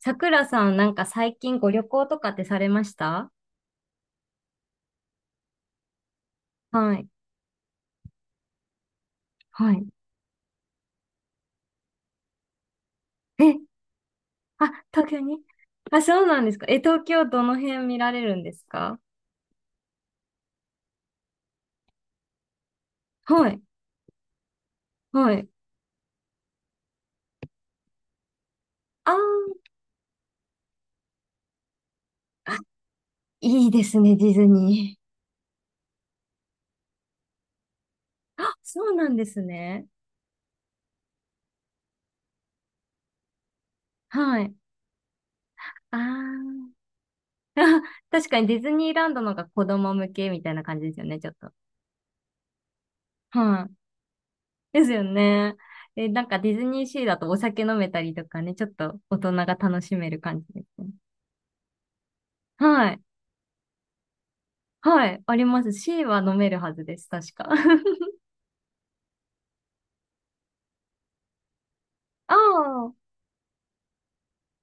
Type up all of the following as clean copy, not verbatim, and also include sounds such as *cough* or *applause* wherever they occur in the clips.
さくらさん、なんか最近ご旅行とかってされました？はい。はい。え、あ、東京に。あ、そうなんですか。え、東京どの辺見られるんですか？はい。はい。あー、いいですね、ディズニー。あ、そうなんですね。はい。あー、*laughs* あ、確かにディズニーランドの方が子供向けみたいな感じですよね、ちょっと。はい。ですよね。え、なんかディズニーシーだとお酒飲めたりとかね、ちょっと大人が楽しめる感じですね。はい。はい、あります。C は飲めるはずです、確か。*laughs* ああ。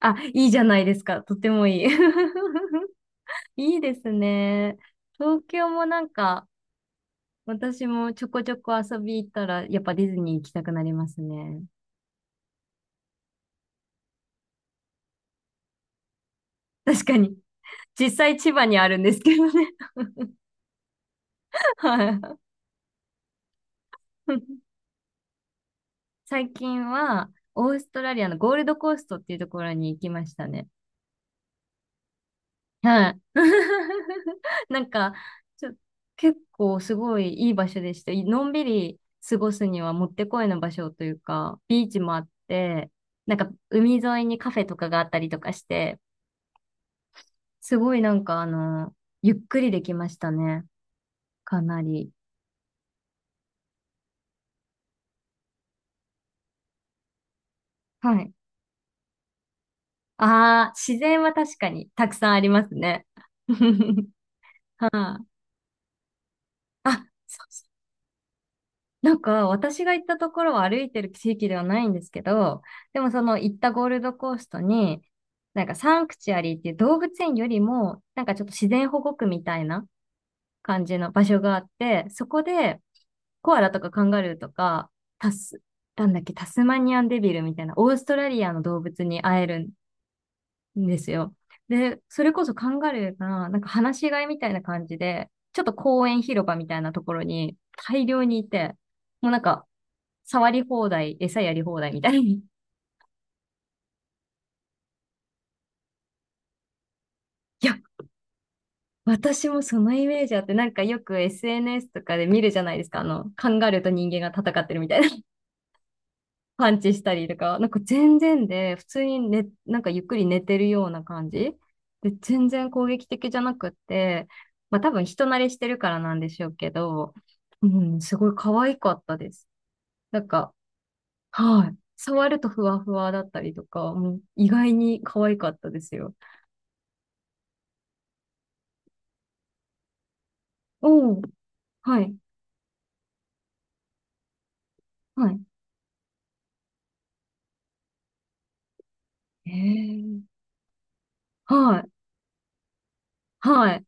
あ、いいじゃないですか。とてもいい。*laughs* いいですね。東京もなんか、私もちょこちょこ遊び行ったら、やっぱディズニー行きたくなりますね。確かに。実際千葉にあるんですけどね。*laughs* はい。*laughs* 最近は、オーストラリアのゴールドコーストっていうところに行きましたね。はい。*laughs* なんか、ちょ、結構すごいいい場所でした。のんびり過ごすにはもってこいの場所というか、ビーチもあって、なんか海沿いにカフェとかがあったりとかして、すごいゆっくりできましたね。かなり。はい。ああ、自然は確かにたくさんありますね。*laughs* はい。あ、そう、なんか、私が行ったところは歩いてる地域ではないんですけど、でもその行ったゴールドコーストに、なんかサンクチュアリーっていう動物園よりも、なんかちょっと自然保護区みたいな感じの場所があって、そこでコアラとかカンガルーとか、タス、なんだっけ、タスマニアンデビルみたいな、オーストラリアの動物に会えるんですよ。で、それこそカンガルーが、なんか放し飼いみたいな感じで、ちょっと公園広場みたいなところに大量にいて、もうなんか、触り放題、餌やり放題みたいに。*laughs* いや、私もそのイメージあって、なんかよく SNS とかで見るじゃないですか。あの、カンガルーと人間が戦ってるみたいなパンチしたりとか、なんか全然で、普通にね、なんかゆっくり寝てるような感じ。で、全然攻撃的じゃなくって、まあ多分人慣れしてるからなんでしょうけど、うん、すごい可愛かったです。なんか、はい。触るとふわふわだったりとか、もう意外に可愛かったですよ。おお、はい、はい。ええ、はい、はい。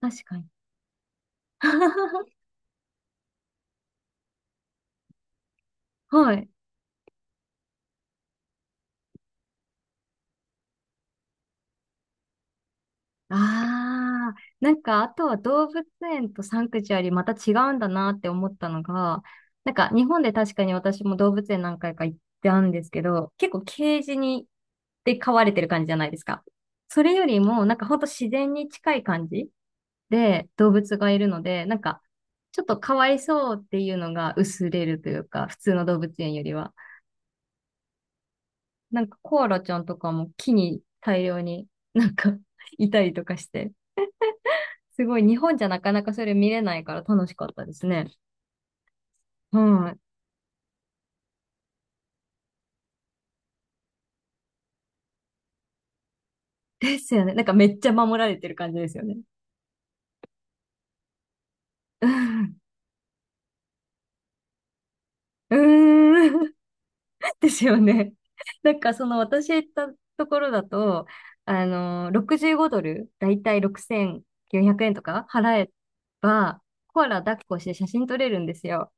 確かに。*laughs* はい。ああ、なんか、あとは動物園とサンクチュアリまた違うんだなって思ったのが、なんか、日本で確かに私も動物園何回か行ったんですけど、結構ケージに、で飼われてる感じじゃないですか。それよりも、なんかほんと自然に近い感じで動物がいるので、なんか、ちょっとかわいそうっていうのが薄れるというか、普通の動物園よりは。なんかコアラちゃんとかも木に大量になんか *laughs* いたりとかして、すごい、日本じゃなかなかそれ見れないから楽しかったですね。はい。ですよね。なんかめっちゃ守られてる感じですよね。うん。うーん。*laughs* ですよね。なんかその私行ったところだと、あの、65ドル、だいたい6900円とか払えば、コアラ抱っこして写真撮れるんですよ。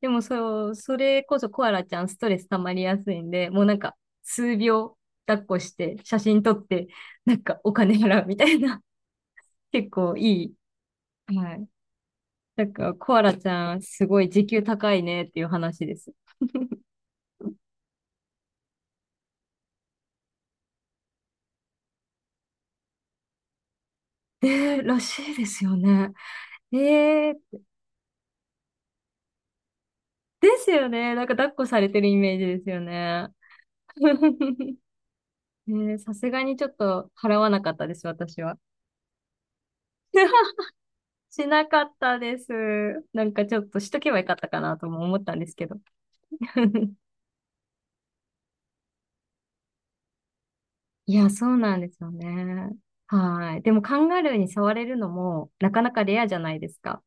でもそう、それこそコアラちゃんストレス溜まりやすいんで、もうなんか数秒抱っこして写真撮って、なんかお金払うみたいな、結構いい。はい。なんか、コアラちゃん、すごい時給高いねっていう話です。で、らしいですよね。えー、ですよね。なんか、抱っこされてるイメージですよね。*laughs* ねえ、さすがにちょっと払わなかったです、私は。*laughs* しなかったです。なんかちょっとしとけばよかったかなとも思ったんですけど。*laughs* いや、そうなんですよね。はい。でもカンガルーに触れるのもなかなかレアじゃないですか。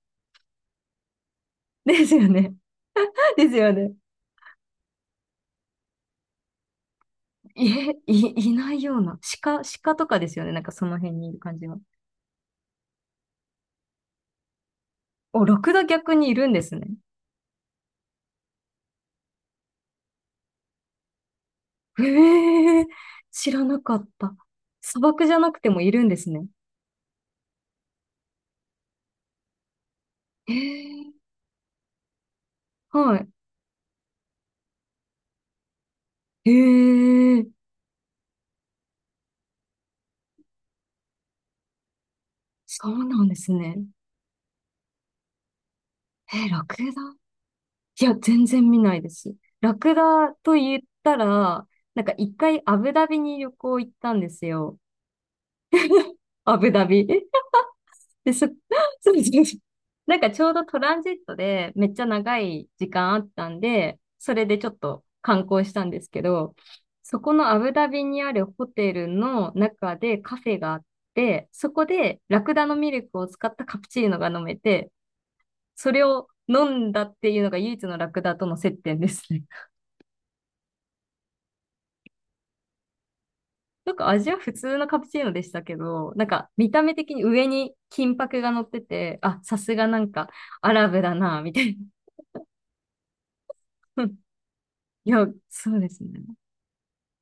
ですよね。*laughs* ですよね。え、い、*laughs* いないような。鹿、鹿とかですよね。なんかその辺にいる感じは。お、ラクダ逆にいるんですね。へえ、知らなかった。砂漠じゃなくてもいるんですね。へえ、はい。へえ、そうなんですね。え、ラクダ、いや、全然見ないです。ラクダと言ったら、なんか一回アブダビに旅行行ったんですよ。アブダビ。で、*laughs* そうそうそう。*laughs* なんかちょうどトランジットでめっちゃ長い時間あったんで、それでちょっと観光したんですけど、そこのアブダビにあるホテルの中でカフェがあって、そこでラクダのミルクを使ったカプチーノが飲めて、それを飲んだっていうのが唯一のラクダとの接点ですね。*laughs* なんか味は普通のカプチーノでしたけど、なんか見た目的に上に金箔が乗ってて、あ、さすがなんかアラブだな、みたいな。*laughs* いや、そうですね。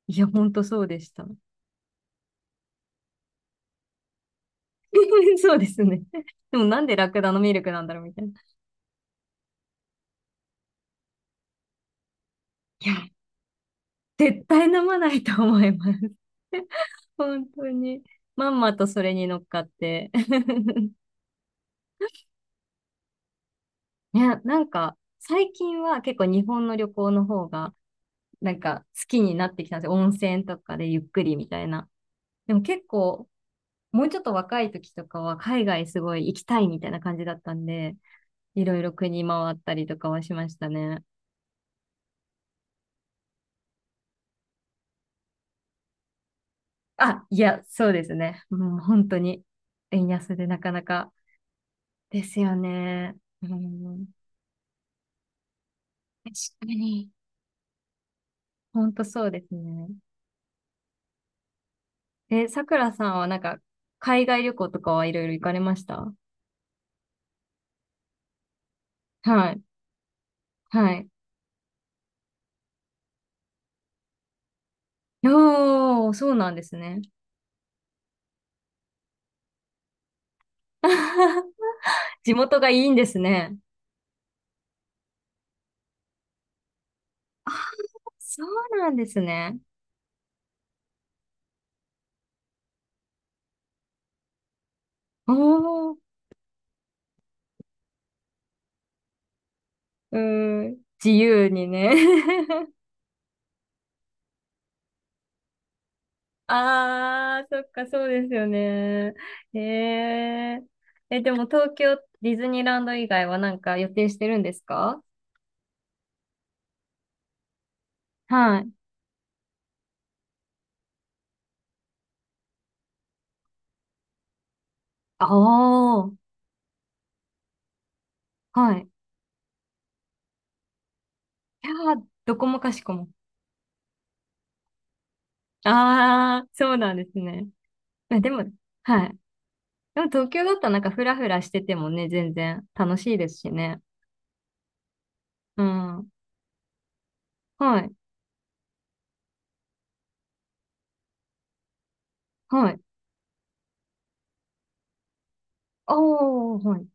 いや、ほんとそうでした。*laughs* そうですね。*laughs* でもなんでラクダのミルクなんだろうみたいな。いや、絶対飲まないと思います。*laughs* 本当に。まんまとそれに乗っかって。*laughs* いや、なんか、最近は結構日本の旅行の方が、なんか好きになってきたんですよ。温泉とかでゆっくりみたいな。でも結構、もうちょっと若い時とかは海外すごい行きたいみたいな感じだったんで、いろいろ国回ったりとかはしましたね。あ、いや、そうですね。もう本当に、円安でなかなかですよね。うん、確かに。本当そうですね。え、さくらさんはなんか、海外旅行とかはいろいろ行かれました？はい。はい。おー、そうなんですね。*laughs* 地元がいいんですね。そうなんですね。おー、うーん、自由にね。*laughs* ああ、そっか、そうですよね。へえ。え、でも東京ディズニーランド以外はなんか予定してるんですか？はい。ああ、はい。いやー、どこもかしこも。ああ、そうなんですね。えでも、はい。でも東京だったらなんかフラフラしててもね、全然楽しいですしね。うん。はい。はい。ああ、はい。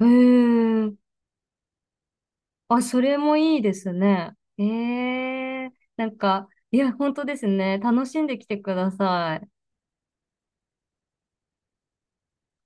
へえ。あ、それもいいですね。ええ、なんか、いや、本当ですね。楽しんできてください。